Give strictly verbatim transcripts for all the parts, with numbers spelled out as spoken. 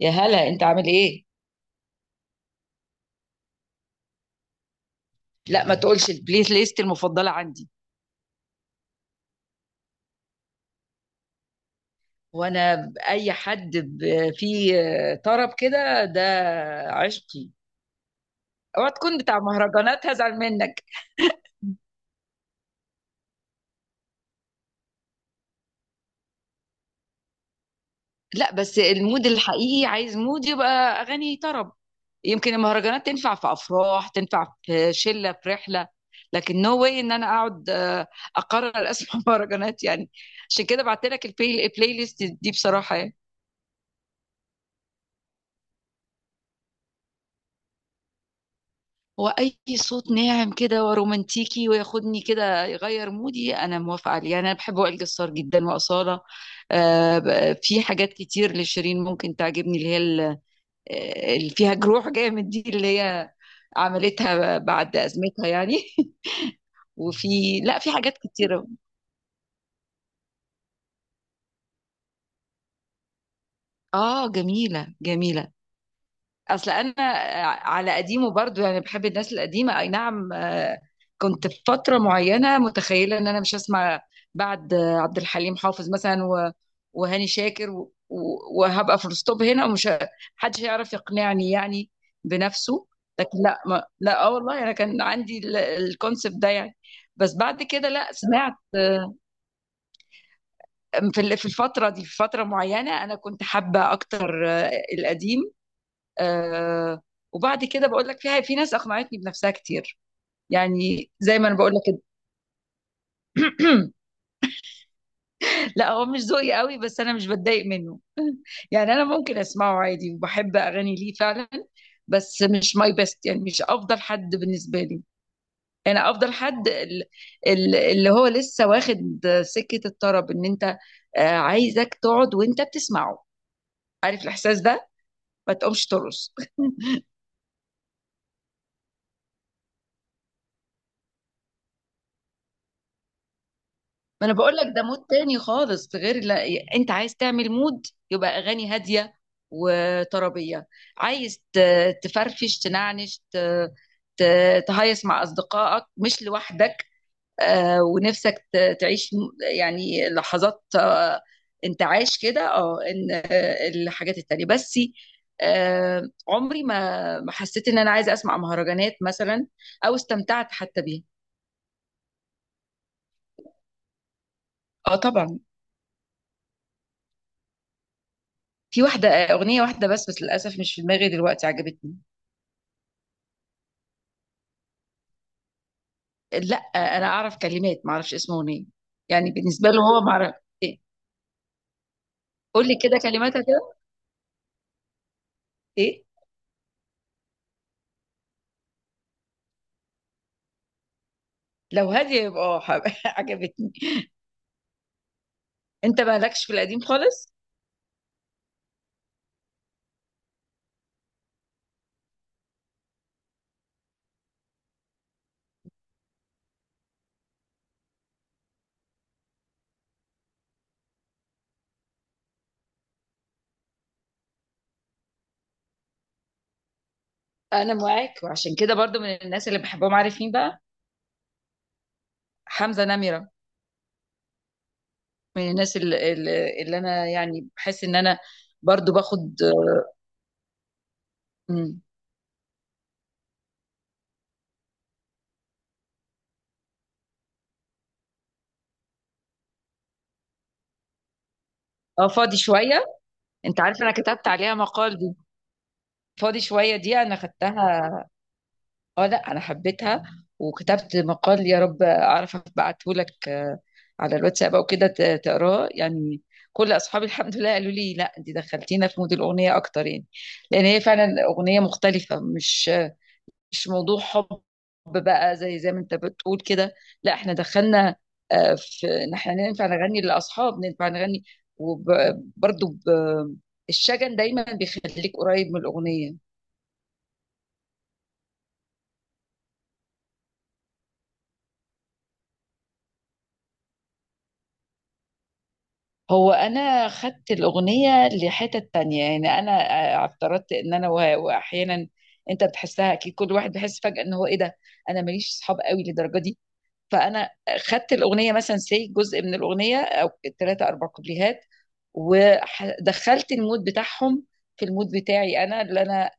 يا هلا، انت عامل ايه؟ لا، ما تقولش البلاي ليست المفضله عندي. وانا اي حد ب- فيه طرب كده، ده عشقي. اوعى تكون بتاع مهرجانات، هزعل منك. لا، بس المود الحقيقي عايز مود يبقى اغاني طرب. يمكن المهرجانات تنفع في افراح، تنفع في شله، في رحله، لكن نو واي ان انا اقعد، آه، اقرر اسمع مهرجانات يعني. عشان كده بعت لك البلاي البلاي ليست دي بصراحه يعني. هو اي صوت ناعم كده ورومانتيكي وياخدني كده يغير مودي انا موافقه عليه يعني. انا بحب وائل جسار جدا واصاله. آه، ب- في حاجات كتير لشيرين ممكن تعجبني، اللي هي ال- آه، اللي فيها جروح جامد دي، اللي هي عملتها بعد ازمتها يعني وفي، لا، في حاجات كتيره. اه، جميله جميله. اصل انا آه، على قديمه برضو، يعني بحب الناس القديمه، اي نعم، آه، كنت في فتره معينه متخيله ان انا مش هسمع بعد آه، عبد الحليم حافظ مثلا، و- وهاني شاكر و- و- وهبقى في الستوب هنا، ومش ه- محدش هيعرف يقنعني يعني، بنفسه. لكن لا، ما لا، اه والله انا كان عندي الكونسبت ده يعني. بس بعد كده لا، سمعت آه، في ال- في الفتره دي، في فتره معينه انا كنت حابه اكتر آه، القديم. آه وبعد كده بقول لك، فيها في ناس اقنعتني بنفسها كتير، يعني زي ما انا بقول لك كده. لا، هو مش ذوقي قوي، بس انا مش بتضايق منه، يعني انا ممكن اسمعه عادي وبحب اغاني ليه فعلا. بس مش ماي بيست، يعني مش افضل حد بالنسبه لي. انا افضل حد ال- ال- اللي هو لسه واخد سكه الطرب، ان انت آه، عايزك تقعد وانت بتسمعه، عارف الاحساس ده، ما تقومش ترقص ما انا بقول لك ده مود تاني خالص، غير لا، انت عايز تعمل مود يبقى اغاني هاديه وطربيه، عايز ت- تفرفش، تنعنش، ت- ت- تهيص مع اصدقائك مش لوحدك، آه، ونفسك ت- تعيش م- يعني لحظات آه، انتعاش كده، اه، ان آه، الحاجات التانيه بس. آه، عمري ما ما حسيت ان انا عايزه اسمع مهرجانات مثلا، او استمتعت حتى بيها. اه، طبعا. في واحدة، أغنية واحدة بس، بس للأسف مش في دماغي دلوقتي، عجبتني. لا، أنا أعرف كلمات، ما أعرفش اسم أغنية، يعني بالنسبة له هو، ما أعرف. إيه؟ قول لي كده كلماتها كده. إيه؟ لو هادية يبقى آه حب- عجبتني. أنت مالكش في القديم خالص؟ أنا معاك، وعشان كده برضو من الناس اللي بحبهم، عارف مين بقى؟ حمزة نمرة. من الناس اللي, اللي اللي أنا يعني بحس إن أنا برضو باخد. مم. اه، فاضي شوية. انت عارف انا كتبت عليها مقال دي؟ فاضي شوية دي انا خدتها. اه لا، انا حبيتها وكتبت مقال، يا رب اعرف ابعته لك آه، على الواتساب او كده، ت- تقراه يعني. كل اصحابي الحمد لله قالوا لي لا، انت دخلتينا في مود الاغنيه اكتر يعني، لان هي فعلا اغنيه مختلفه، مش مش موضوع حب، بقى زي زي ما انت بتقول كده. لا، احنا دخلنا آه، في ان احنا ننفع نغني للاصحاب، ننفع نغني، وبرضه الشجن دايما بيخليك قريب من الاغنيه. هو انا خدت الاغنيه لحتت تانية، يعني انا آه، افترضت ان انا وه- واحيانا انت بتحسها اكيد، كل واحد بيحس فجاه ان هو ايه ده. انا ماليش اصحاب قوي للدرجه دي، فانا خدت الاغنيه مثلا سي جزء من الاغنيه او ثلاثه اربع كوبليهات، ودخلت المود بتاعهم في المود بتاعي انا، اللي انا،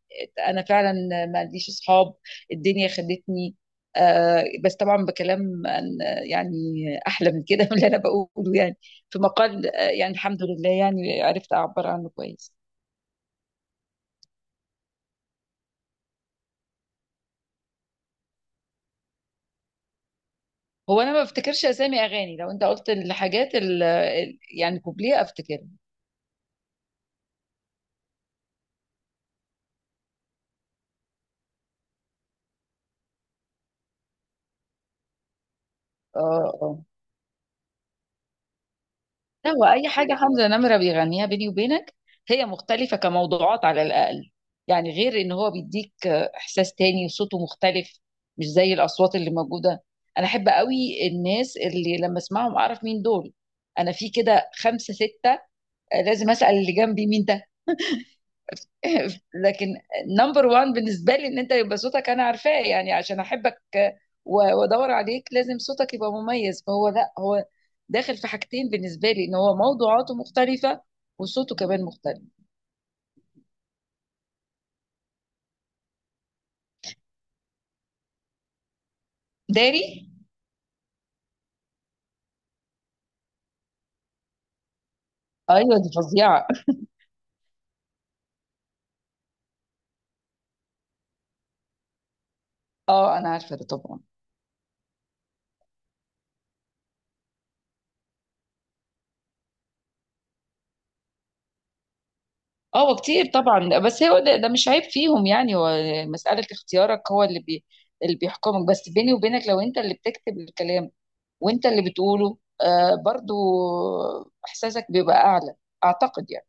انا فعلا ما عنديش اصحاب، الدنيا خدتني. آه، بس طبعا بكلام عن- يعني، احلى من كده من اللي انا بقوله يعني. في مقال آه، يعني الحمد لله، يعني عرفت اعبر عنه كويس. هو انا ما بفتكرش اسامي اغاني، لو انت قلت الحاجات ال- ال- يعني كوبليه افتكرها. اه، اه. لا، هو اي حاجه حمزه نمره بيغنيها، بيني وبينك، هي مختلفه كموضوعات على الاقل، يعني غير ان هو بيديك احساس تاني وصوته مختلف، مش زي الاصوات اللي موجوده. انا احب قوي الناس اللي لما اسمعهم اعرف مين دول. انا في كده خمسه سته لازم اسال اللي جنبي مين. لكن نمبر وان بالنسبة لي ان انت يبقى صوتك انا عارفاه، يعني عشان احبك و- وادور عليك، لازم صوتك يبقى مميز، فهو لا، هو داخل في حاجتين بالنسبة لي، ان هو موضوعاته مختلفة وصوته كمان مختلف. داري. ايوه، دي فظيعة. اه، انا عارفة ده طبعا. اه، وكتير طبعا، بس هو ده, ده مش عيب فيهم، يعني هو مسألة اختيارك، هو اللي بي اللي بيحكمك. بس بيني وبينك، لو انت اللي بتكتب الكلام وانت اللي بتقوله، آه برضو احساسك بيبقى اعلى، اعتقد يعني.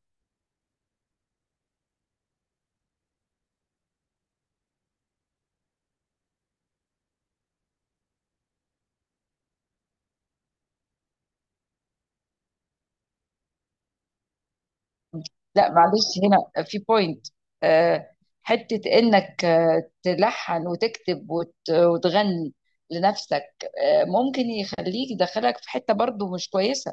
لا معلش، هنا في بوينت، آه حتة انك آه تلحن وتكتب وت وتغني لنفسك، آه ممكن يخليك، يدخلك في حتة برضو مش كويسة.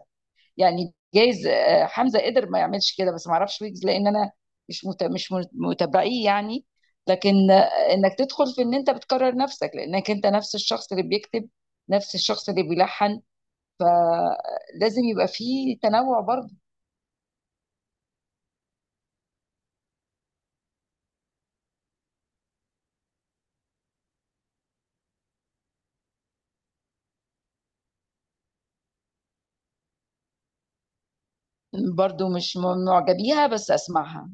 يعني جايز آه حمزة قدر ما يعملش كده، بس ما اعرفش ويجز لان انا مش مت... مش مت- متابعيه يعني. لكن آه، انك تدخل في ان انت بتكرر نفسك، لانك انت نفس الشخص اللي بيكتب، نفس الشخص اللي بيلحن، فلازم يبقى فيه تنوع برضه. برضه مش معجبيها بيها، بس اسمعها.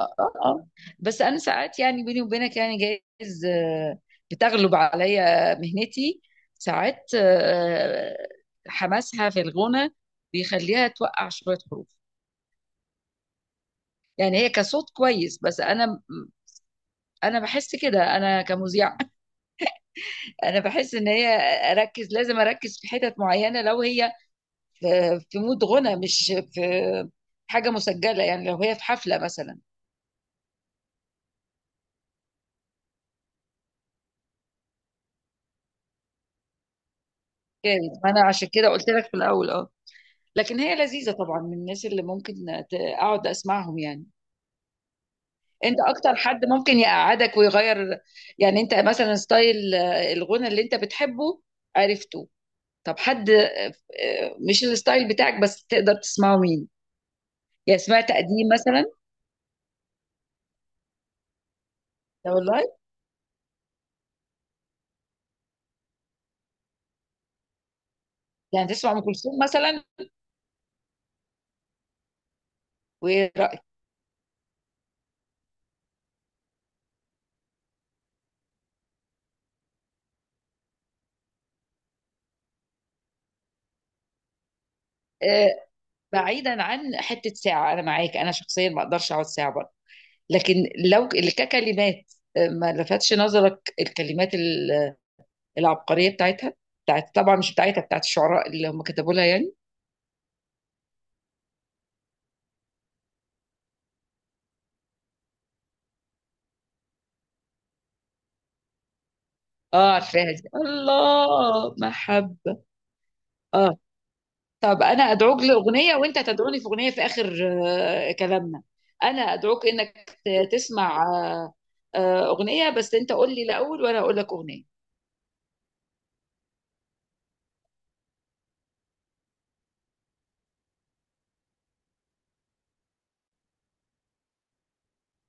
اه، اه، آه. بس انا ساعات يعني، بيني وبينك يعني، جايز آه، بتغلب عليا مهنتي ساعات، آه، حماسها في الغنى بيخليها توقع شوية حروف. يعني هي كصوت كويس، بس انا، انا بحس كده انا كمذيعة انا بحس ان هي، اركز، لازم اركز في حتت معينة لو هي في، في مود غنى مش في حاجه مسجله، يعني لو هي في حفله مثلا. جايز، ما انا عشان كده قلت لك في الاول اه. لكن هي لذيذه طبعا، من الناس اللي ممكن ت- اقعد اسمعهم يعني. انت اكتر حد ممكن يقعدك ويغير، يعني انت مثلا ستايل آه، الغنى اللي انت بتحبه عرفته. طب حد آه، آه، مش الستايل بتاعك بس تقدر تسمعه، مين؟ يعني سمعت قديم مثلا؟ لا والله. يعني تسمع ام كلثوم مثلا؟ وايه رايك؟ آه، بعيدا عن حتة ساعة، أنا معاك، أنا شخصيا ما أقدرش أقعد ساعة برضه. لكن لو اللي ككلمات آه، ما لفتش نظرك الكلمات ال- العبقرية بتاعتها، بتاعت طبعا، مش بتاعتها، بتاعت الشعراء اللي هم كتبوا لها يعني. اه، عارفاها دي، الله محبة. اه. طب أنا أدعوك لأغنية وأنت تدعوني في أغنية في آخر آه، كلامنا. أنا أدعوك إنك ت- تسمع آه، آه، أغنية، بس أنت قول لي الأول وأنا أقول لك أغنية.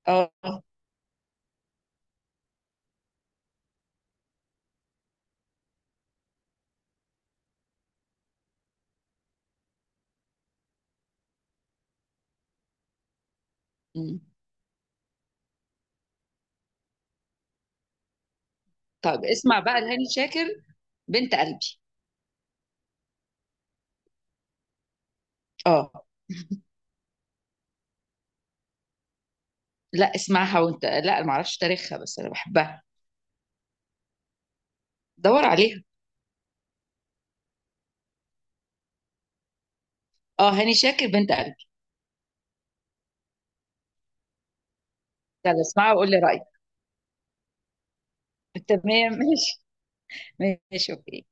اه. مم. طب اسمع بقى لهاني شاكر، بنت قلبي. اه. لا، اسمعها وانت، لا ما اعرفش تاريخها بس انا بحبها. دور عليها. اه، هاني شاكر، بنت قلبي. يلا اسمعها وقول لي رايك. تمام ماشي. ماشي، اوكي.